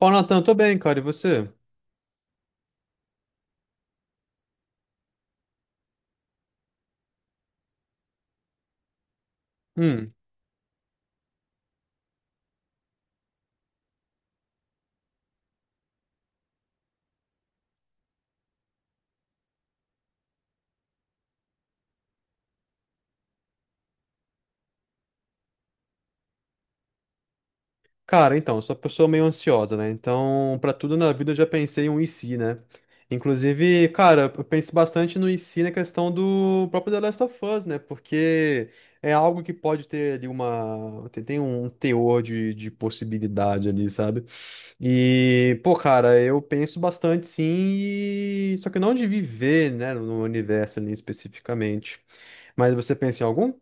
Ó, Natan, tô bem, cara, e você? Hum, cara, então, eu sou uma pessoa meio ansiosa, né? Então, pra tudo na vida eu já pensei em um e se, né? Inclusive, cara, eu penso bastante no e se na questão do próprio The Last of Us, né? Porque é algo que pode ter ali uma. Tem um teor de possibilidade ali, sabe? E, pô, cara, eu penso bastante sim, e só que não de viver, né, no universo ali especificamente. Mas você pensa em algum?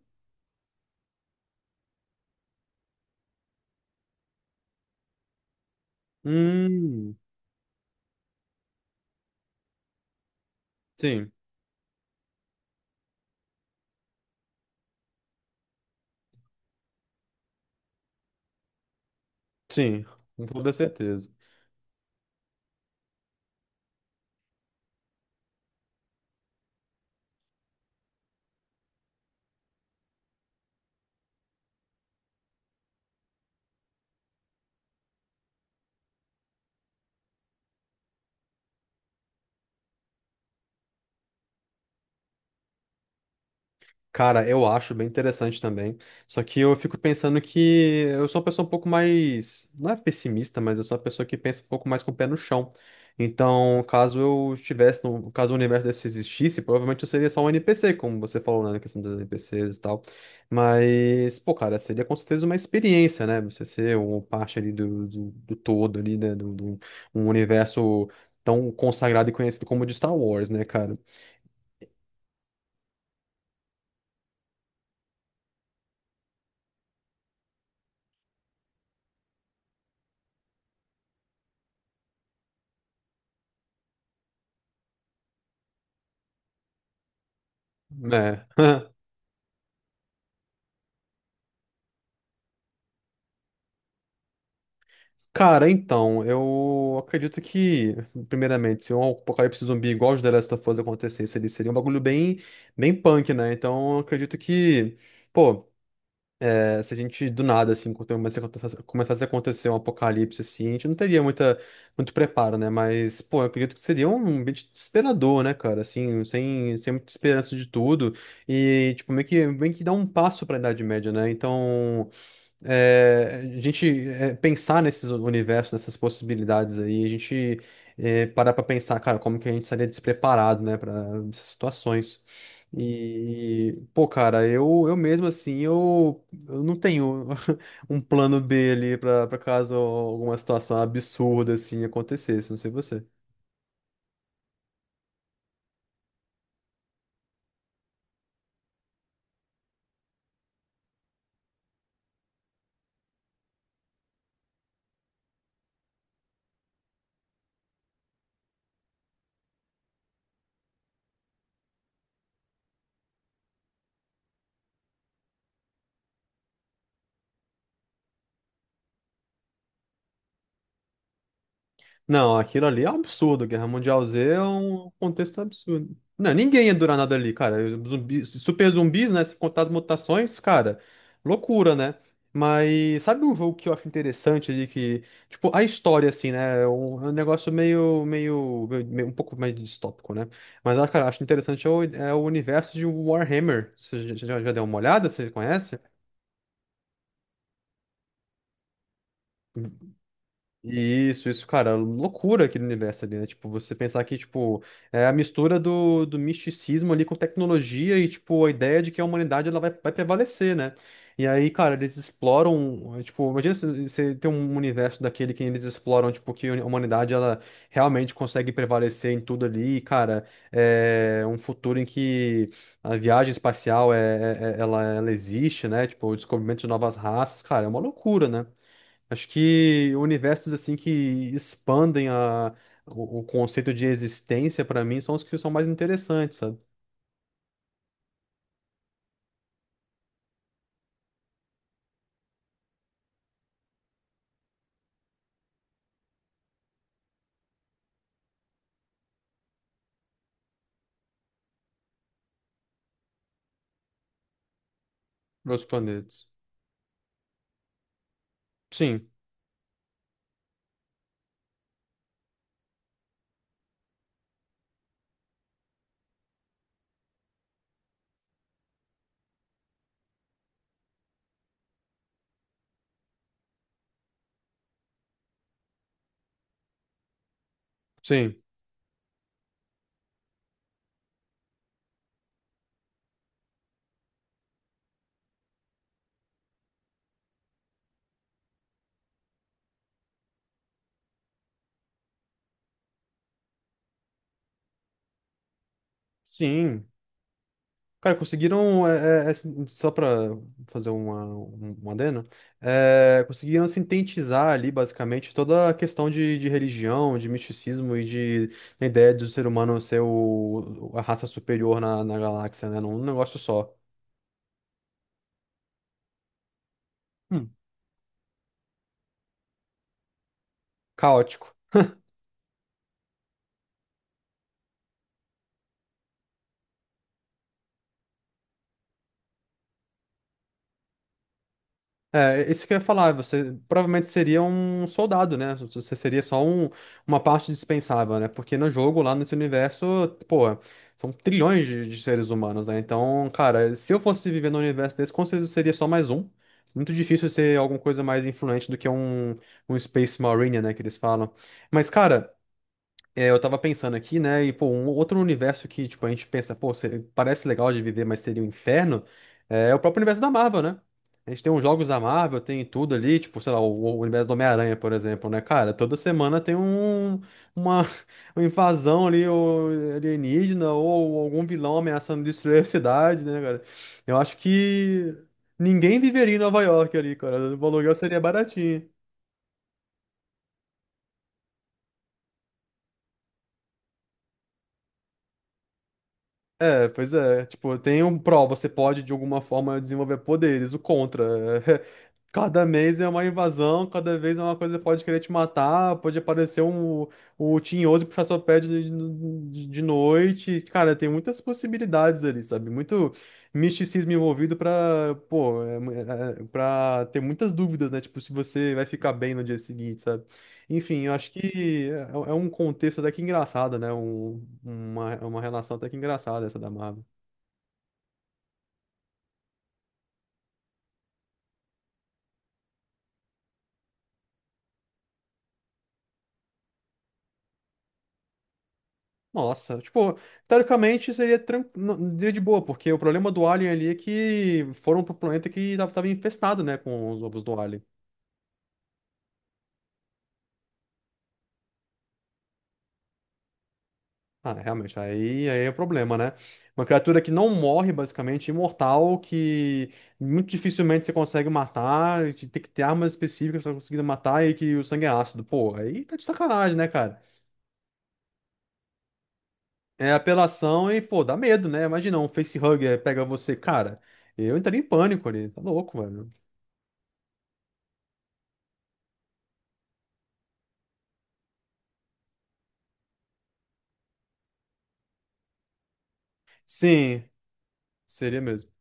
Hum, sim. Sim, com toda certeza. Cara, eu acho bem interessante também. Só que eu fico pensando que eu sou uma pessoa um pouco mais, não é pessimista, mas eu sou uma pessoa que pensa um pouco mais com o pé no chão. Então, caso eu estivesse, no, caso o universo desse existisse, provavelmente eu seria só um NPC, como você falou, né, na questão dos NPCs e tal. Mas, pô, cara, seria com certeza uma experiência, né? Você ser uma parte ali do, do, do todo ali, né, do um universo tão consagrado e conhecido como o de Star Wars, né, cara? É. Cara, então, eu acredito que, primeiramente, se um apocalipse zumbi igual os The Last of Us acontecesse, ali seria um bagulho bem, bem punk, né? Então, eu acredito que, pô, é, se a gente do nada, assim, começasse a acontecer um apocalipse, assim, a gente não teria muita, muito preparo, né? Mas, pô, eu acredito que seria um ambiente desesperador, né, cara? Assim, sem, sem muita esperança de tudo. E, tipo, meio que dá um passo pra Idade Média, né? Então é, a gente é, pensar nesses universos, nessas possibilidades aí, a gente é, parar para pensar, cara, como que a gente estaria despreparado, né, para essas situações. E, pô, cara, eu, eu não tenho um plano B ali pra, pra caso alguma situação absurda assim acontecesse, não sei você. Não, aquilo ali é um absurdo. Guerra Mundial Z é um contexto absurdo. Não, ninguém ia durar nada ali, cara. Zumbis, super zumbis, né? Se contar as mutações, cara, loucura, né? Mas sabe um jogo que eu acho interessante ali que, tipo, a história, assim, né? É um negócio um pouco mais distópico, né? Mas, ah, cara, acho interessante é o, é o universo de Warhammer. Você já, já deu uma olhada? Você conhece? Isso, cara, loucura aquele universo ali, né? Tipo, você pensar que, tipo, é a mistura do, do misticismo ali com tecnologia e, tipo, a ideia de que a humanidade ela vai, vai prevalecer, né? E aí, cara, eles exploram, tipo, imagina se- você ter um universo daquele que eles exploram, tipo, que a humanidade, ela realmente consegue prevalecer em tudo ali, e, cara, é um futuro em que a viagem espacial, é, ela, ela existe, né? Tipo, o descobrimento de novas raças, cara, é uma loucura, né? Acho que universos assim que expandem a, o conceito de existência pra mim são os que são mais interessantes, sabe? Meus planetas. Sim, sim, sim. Cara, conseguiram, assim, só pra fazer uma, um adeno, é, conseguiram sintetizar ali basicamente toda a questão de religião, de misticismo e de a ideia do ser humano ser o, a raça superior na, na galáxia, né? Num negócio só. Hum. Caótico. É, isso que eu ia falar, você provavelmente seria um soldado, né? Você seria só um, uma parte dispensável, né? Porque no jogo, lá nesse universo, pô, são trilhões de seres humanos, né? Então, cara, se eu fosse viver num universo desse, com certeza eu seria só mais um. Muito difícil ser alguma coisa mais influente do que um Space Marine, né? Que eles falam. Mas, cara, é, eu tava pensando aqui, né? E, pô, um outro universo que, tipo, a gente pensa, pô, parece legal de viver, mas seria um inferno, é o próprio universo da Marvel, né? A gente tem os jogos da Marvel, tem tudo ali, tipo, sei lá, o universo do Homem-Aranha, por exemplo, né? Cara, toda semana tem um, uma, uma invasão ali, ou alienígena, ou algum vilão ameaçando destruir a cidade, né, cara? Eu acho que ninguém viveria em Nova York ali, cara. O aluguel seria baratinho. É, pois é. Tipo, tem um pró, você pode de alguma forma desenvolver poderes. O contra, é, cada mês é uma invasão, cada vez é uma coisa que pode querer te matar, pode aparecer um, o Tinhoso e puxar seu pé de noite. Cara, tem muitas possibilidades ali, sabe? Muito misticismo envolvido pra, pô, é, pra ter muitas dúvidas, né? Tipo, se você vai ficar bem no dia seguinte, sabe? Enfim, eu acho que é um contexto até que engraçado, né? Um, uma relação até que engraçada essa da Marvel. Nossa, tipo, teoricamente seria não, seria de boa, porque o problema do Alien ali é que foram pro planeta que tava, tava infestado, né, com os ovos do Alien. Ah, né, realmente, aí, aí é o problema, né? Uma criatura que não morre, basicamente, imortal, que muito dificilmente você consegue matar, que tem que ter armas específicas pra conseguir matar e que o sangue é ácido. Pô, aí tá de sacanagem, né, cara? É apelação e, pô, dá medo, né? Imagina um facehugger pega você. Cara, eu entraria em pânico ali. Tá louco, mano. Sim, seria mesmo.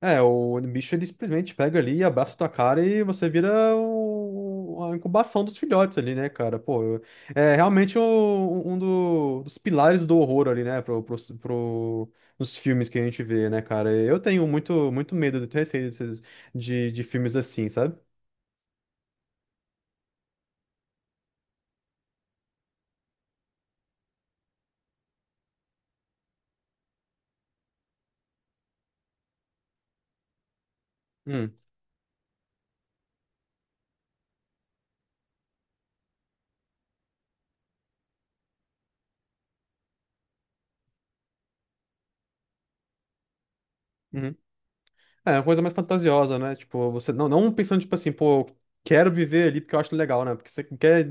É, o bicho ele simplesmente pega ali, abraça tua cara e você vira a incubação dos filhotes ali, né, cara? Pô, é realmente dos pilares do horror ali, né? Nos filmes que a gente vê, né, cara? Eu tenho muito, muito medo, eu tenho receio de filmes assim, sabe? Hum. Uhum. É, é uma coisa mais fantasiosa, né? Tipo, você não, não pensando, tipo assim, pô, eu quero viver ali porque eu acho legal, né? Porque você quer,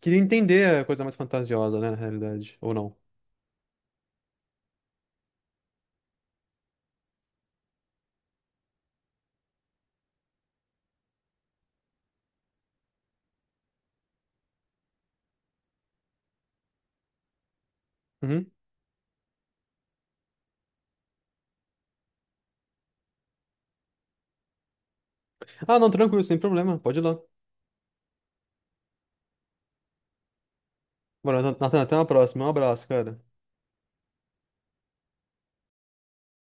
queria entender a coisa mais fantasiosa, né, na realidade, ou não. Uhum. Ah, não, tranquilo, sem problema, pode ir lá. Bora, Nathan, até uma próxima. Um abraço, cara.